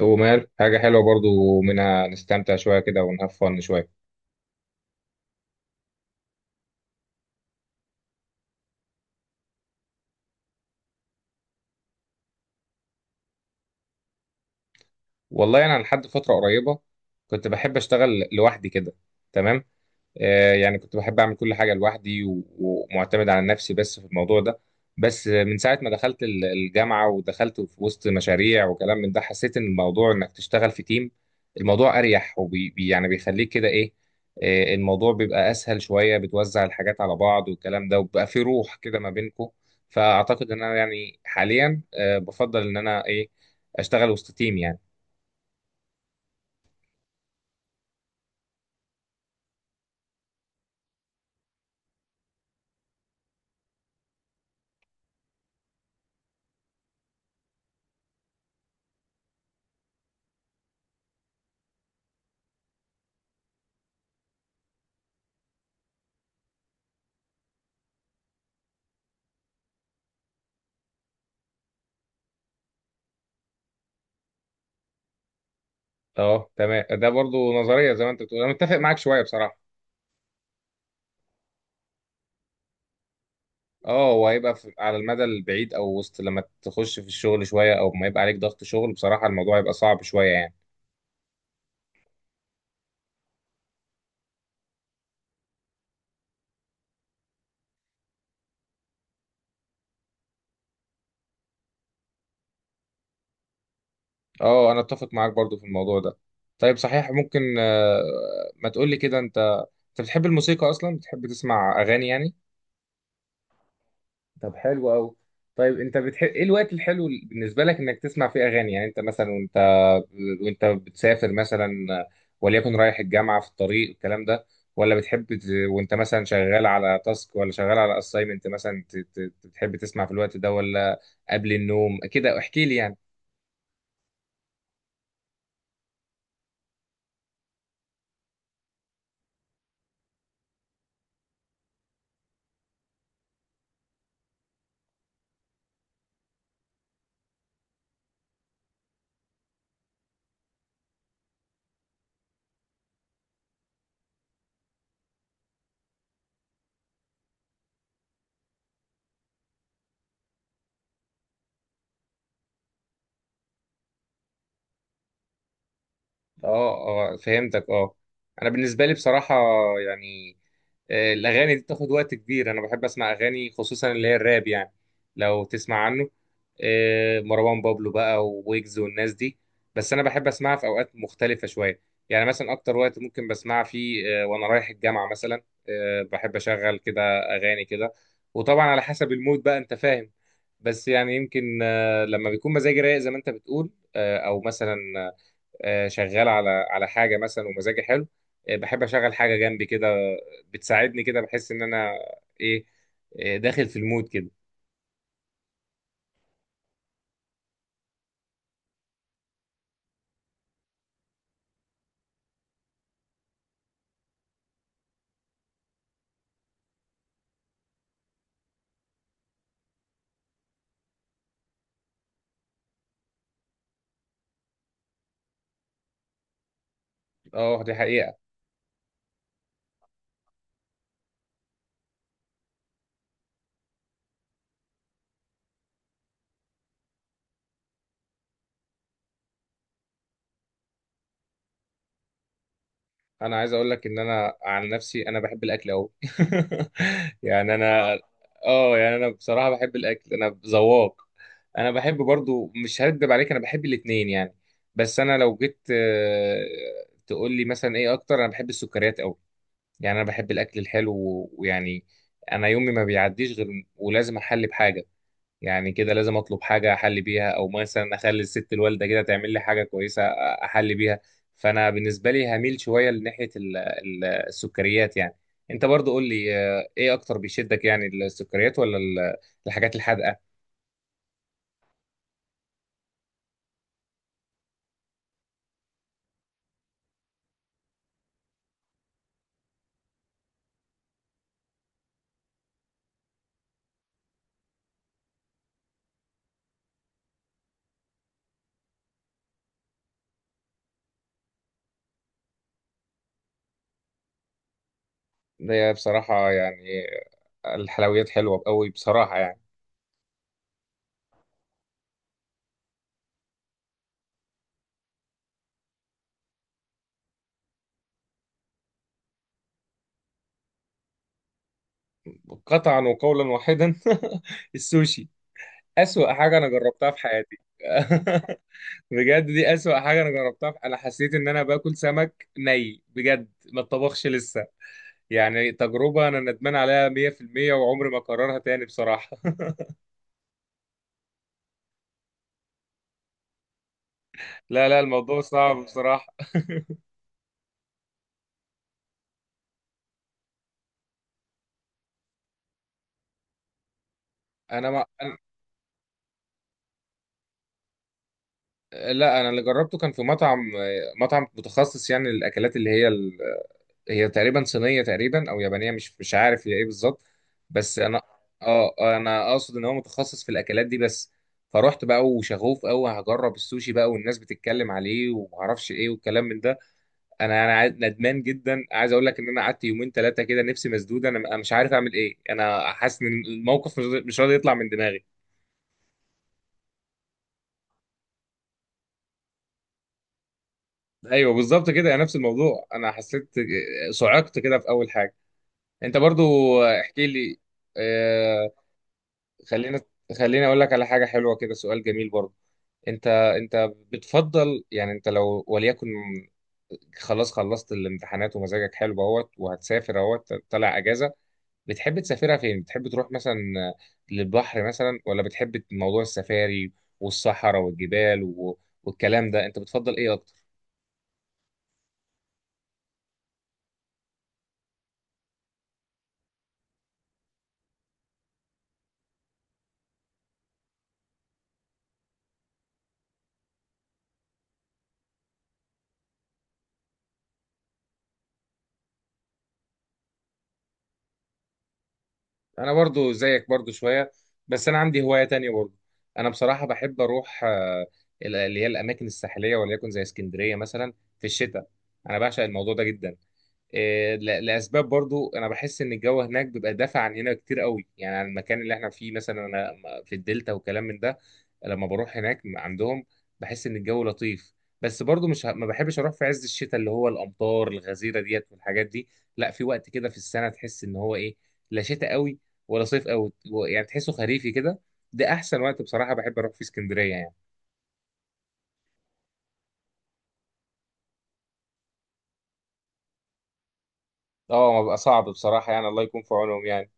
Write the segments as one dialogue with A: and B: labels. A: ومال حاجة حلوة برضو، ومنها نستمتع شوية كده ونهاف فن شوية. والله أنا لحد فترة قريبة كنت بحب أشتغل لوحدي كده. تمام. يعني كنت بحب اعمل كل حاجه لوحدي و- ومعتمد على نفسي بس في الموضوع ده. بس من ساعه ما دخلت الجامعه ودخلت في وسط مشاريع وكلام من ده حسيت ان الموضوع انك تشتغل في تيم، الموضوع اريح، يعني بيخليك كده ايه. الموضوع بيبقى اسهل شويه، بتوزع الحاجات على بعض والكلام ده، وبيبقى في روح كده ما بينكم. فاعتقد ان انا يعني حاليا بفضل ان انا ايه اشتغل وسط تيم يعني. اه تمام، ده برضو نظريه زي ما انت بتقول، انا متفق معاك شويه بصراحه. اه، وهيبقى على المدى البعيد، او وسط لما تخش في الشغل شويه او ما يبقى عليك ضغط شغل، بصراحه الموضوع يبقى صعب شويه يعني. اه، انا اتفق معاك برضو في الموضوع ده. طيب صحيح، ممكن ما تقولي كده انت بتحب الموسيقى اصلا؟ بتحب تسمع اغاني يعني؟ طب حلو قوي. طيب انت بتحب ايه الوقت الحلو بالنسبه لك انك تسمع فيه اغاني؟ يعني انت مثلا، وانت بتسافر مثلا، وليكن رايح الجامعه في الطريق الكلام ده، ولا بتحب وانت مثلا شغال على تاسك ولا شغال على اسايمنت مثلا، بتحب تسمع في الوقت ده ولا قبل النوم كده؟ احكي لي يعني. اه، اه، فهمتك. اه. انا بالنسبه لي بصراحه يعني، الاغاني دي بتاخد وقت كبير. انا بحب اسمع اغاني خصوصا اللي هي الراب يعني، لو تسمع عنه. مروان بابلو بقى وويجز والناس دي. بس انا بحب اسمعها في اوقات مختلفه شويه. يعني مثلا اكتر وقت ممكن بسمعها فيه وانا رايح الجامعه مثلا. بحب اشغل كده اغاني كده. وطبعا على حسب المود بقى انت فاهم. بس يعني يمكن لما بيكون مزاجي رايق زي ما انت بتقول، او مثلا شغال على حاجه مثلا ومزاجي حلو، بحب اشغل حاجه جنبي كده. بتساعدني كده، بحس ان انا ايه داخل في المود كده. اه دي حقيقه. انا عايز اقول لك ان انا عن نفسي انا بحب الاكل قوي يعني انا، اه يعني انا بصراحه بحب الاكل، انا ذواق. انا بحب برضو، مش هكدب عليك انا بحب الاتنين يعني. بس انا لو جيت تقول لي مثلا ايه اكتر، انا بحب السكريات. يعني انا بحب الاكل الحلو و- ويعني انا يومي ما بيعديش غير ولازم احلي بحاجه. يعني كده لازم اطلب حاجه احلي بيها، او مثلا اخلي الست الوالده كده تعمل لي حاجه كويسه احلي بيها. فانا بالنسبه لي هميل شويه لناحيه السكريات يعني. انت برضو قول لي ايه اكتر بيشدك؟ يعني السكريات ولا الحاجات الحادقه؟ هي بصراحه يعني الحلويات حلوه قوي بصراحه يعني. قطعا وقولا واحدا السوشي اسوأ حاجه انا جربتها في حياتي بجد دي أسوأ حاجة أنا جربتها. أنا حسيت إن أنا باكل سمك ني بجد ما اتطبخش لسه. يعني تجربة أنا ندمان عليها 100%، وعمري ما أكررها تاني بصراحة لا، لا، الموضوع صعب بصراحة. أنا ما أنا... لا، أنا اللي جربته كان في مطعم متخصص يعني للأكلات اللي هي تقريبا صينية تقريبا او يابانية، مش عارف هي ايه بالظبط. بس انا، اه، انا اقصد ان هو متخصص في الاكلات دي بس. فروحت بقى وشغوف قوي هجرب السوشي بقى، والناس بتتكلم عليه ومعرفش ايه والكلام من ده. انا ندمان جدا، عايز اقول لك ان انا قعدت يومين ثلاثة كده نفسي مسدودة. انا مش عارف اعمل ايه، انا حاسس ان الموقف مش راضي يطلع من دماغي. ايوه بالظبط كده، يعني نفس الموضوع انا حسيت، صعقت كده في اول حاجة. انت برضو احكي لي. آه، خلينا خليني اقول لك على حاجه حلوه كده، سؤال جميل برضه. انت بتفضل يعني، انت لو وليكن خلاص خلصت الامتحانات ومزاجك حلو اهوت وهتسافر اهوت طالع اجازه، بتحب تسافرها فين؟ بتحب تروح مثلا للبحر مثلا، ولا بتحب موضوع السفاري والصحراء والجبال والكلام ده؟ انت بتفضل ايه اكتر؟ انا برضو زيك برضو شويه، بس انا عندي هوايه تانية برضو. انا بصراحه بحب اروح اللي هي الاماكن الساحليه وليكن زي اسكندريه مثلا في الشتاء. انا بعشق الموضوع ده جدا. لاسباب برضو، انا بحس ان الجو هناك بيبقى دافع عن هنا كتير قوي، يعني عن المكان اللي احنا فيه مثلا، انا في الدلتا وكلام من ده. لما بروح هناك عندهم بحس ان الجو لطيف. بس برضو مش ه- ما بحبش اروح في عز الشتاء اللي هو الامطار الغزيره ديت والحاجات دي. لا، في وقت كده في السنه تحس ان هو ايه، لا شتاء قوي ولا صيف قوي يعني تحسه خريفي كده. ده احسن وقت بصراحه بحب اروح في اسكندريه يعني. اه، ما بقى صعب بصراحه يعني، الله يكون في عونهم يعني.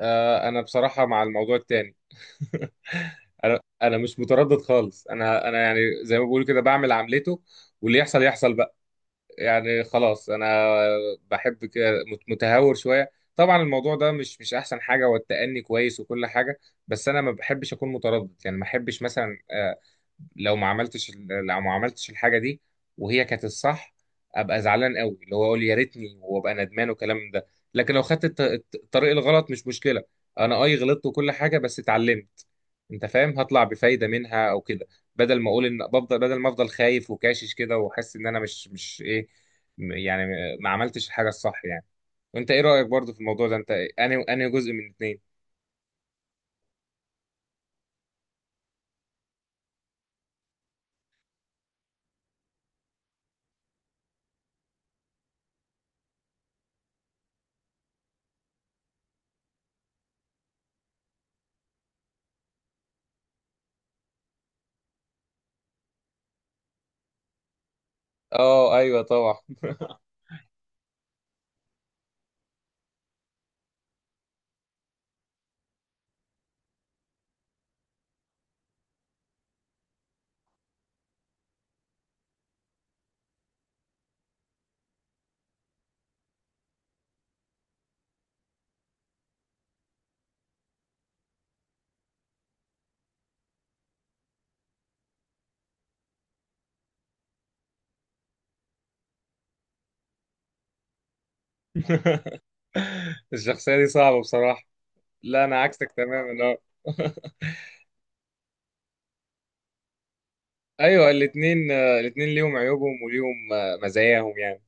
A: انا بصراحه مع الموضوع التاني انا مش متردد خالص. انا يعني زي ما بقول كده بعمل عملته واللي يحصل يحصل. يعني خلاص انا بحب كده متهور شويه. طبعا الموضوع ده مش احسن حاجه، والتأني كويس وكل حاجه. بس انا ما بحبش اكون متردد يعني. ما بحبش مثلا لو ما عملتش الحاجه دي وهي كانت الصح، ابقى زعلان قوي، اللي هو اقول يا ريتني وابقى ندمان والكلام ده. لكن لو خدت الطريق الغلط مش مشكله. انا اي غلطت وكل حاجه بس اتعلمت، انت فاهم، هطلع بفايده منها او كده. بدل ما اقول ان بفضل بدل ما افضل خايف وكاشش كده واحس ان انا مش ايه، يعني ما عملتش الحاجه الصح يعني. وانت ايه رايك برضو في الموضوع ده انت؟ انهي جزء من اتنين؟ اه ايوه طبعا الشخصيه دي صعبه بصراحه. لا، انا عكسك تماما اه ايوه، الاتنين ليهم عيوبهم وليهم مزاياهم يعني.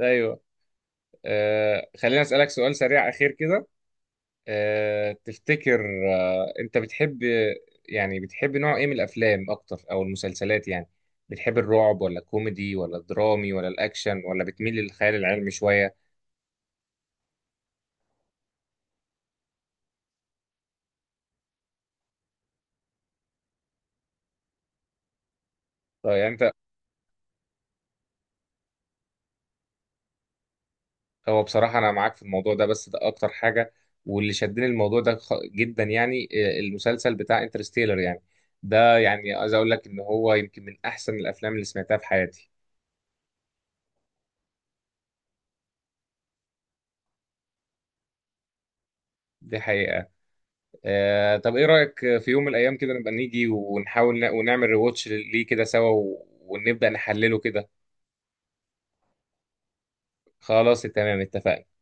A: ايوه. خليني اسالك سؤال سريع اخير كده. تفتكر انت بتحب يعني بتحب نوع ايه من الافلام اكتر او المسلسلات يعني؟ بتحب الرعب ولا الكوميدي ولا الدرامي ولا الاكشن ولا بتميل للخيال العلمي شوية؟ طيب يعني انت هو بصراحة انا معاك في الموضوع ده بس ده اكتر حاجة. واللي شدني الموضوع ده جدا يعني، المسلسل بتاع انترستيلر يعني. ده يعني عايز اقول لك ان هو يمكن من احسن الافلام اللي سمعتها في حياتي. دي حقيقة. طب ايه رأيك في يوم من الايام كده نبقى نيجي ونحاول ونعمل ريواتش ليه كده سوا ونبدأ نحلله كده؟ خلاص تمام اتفقنا.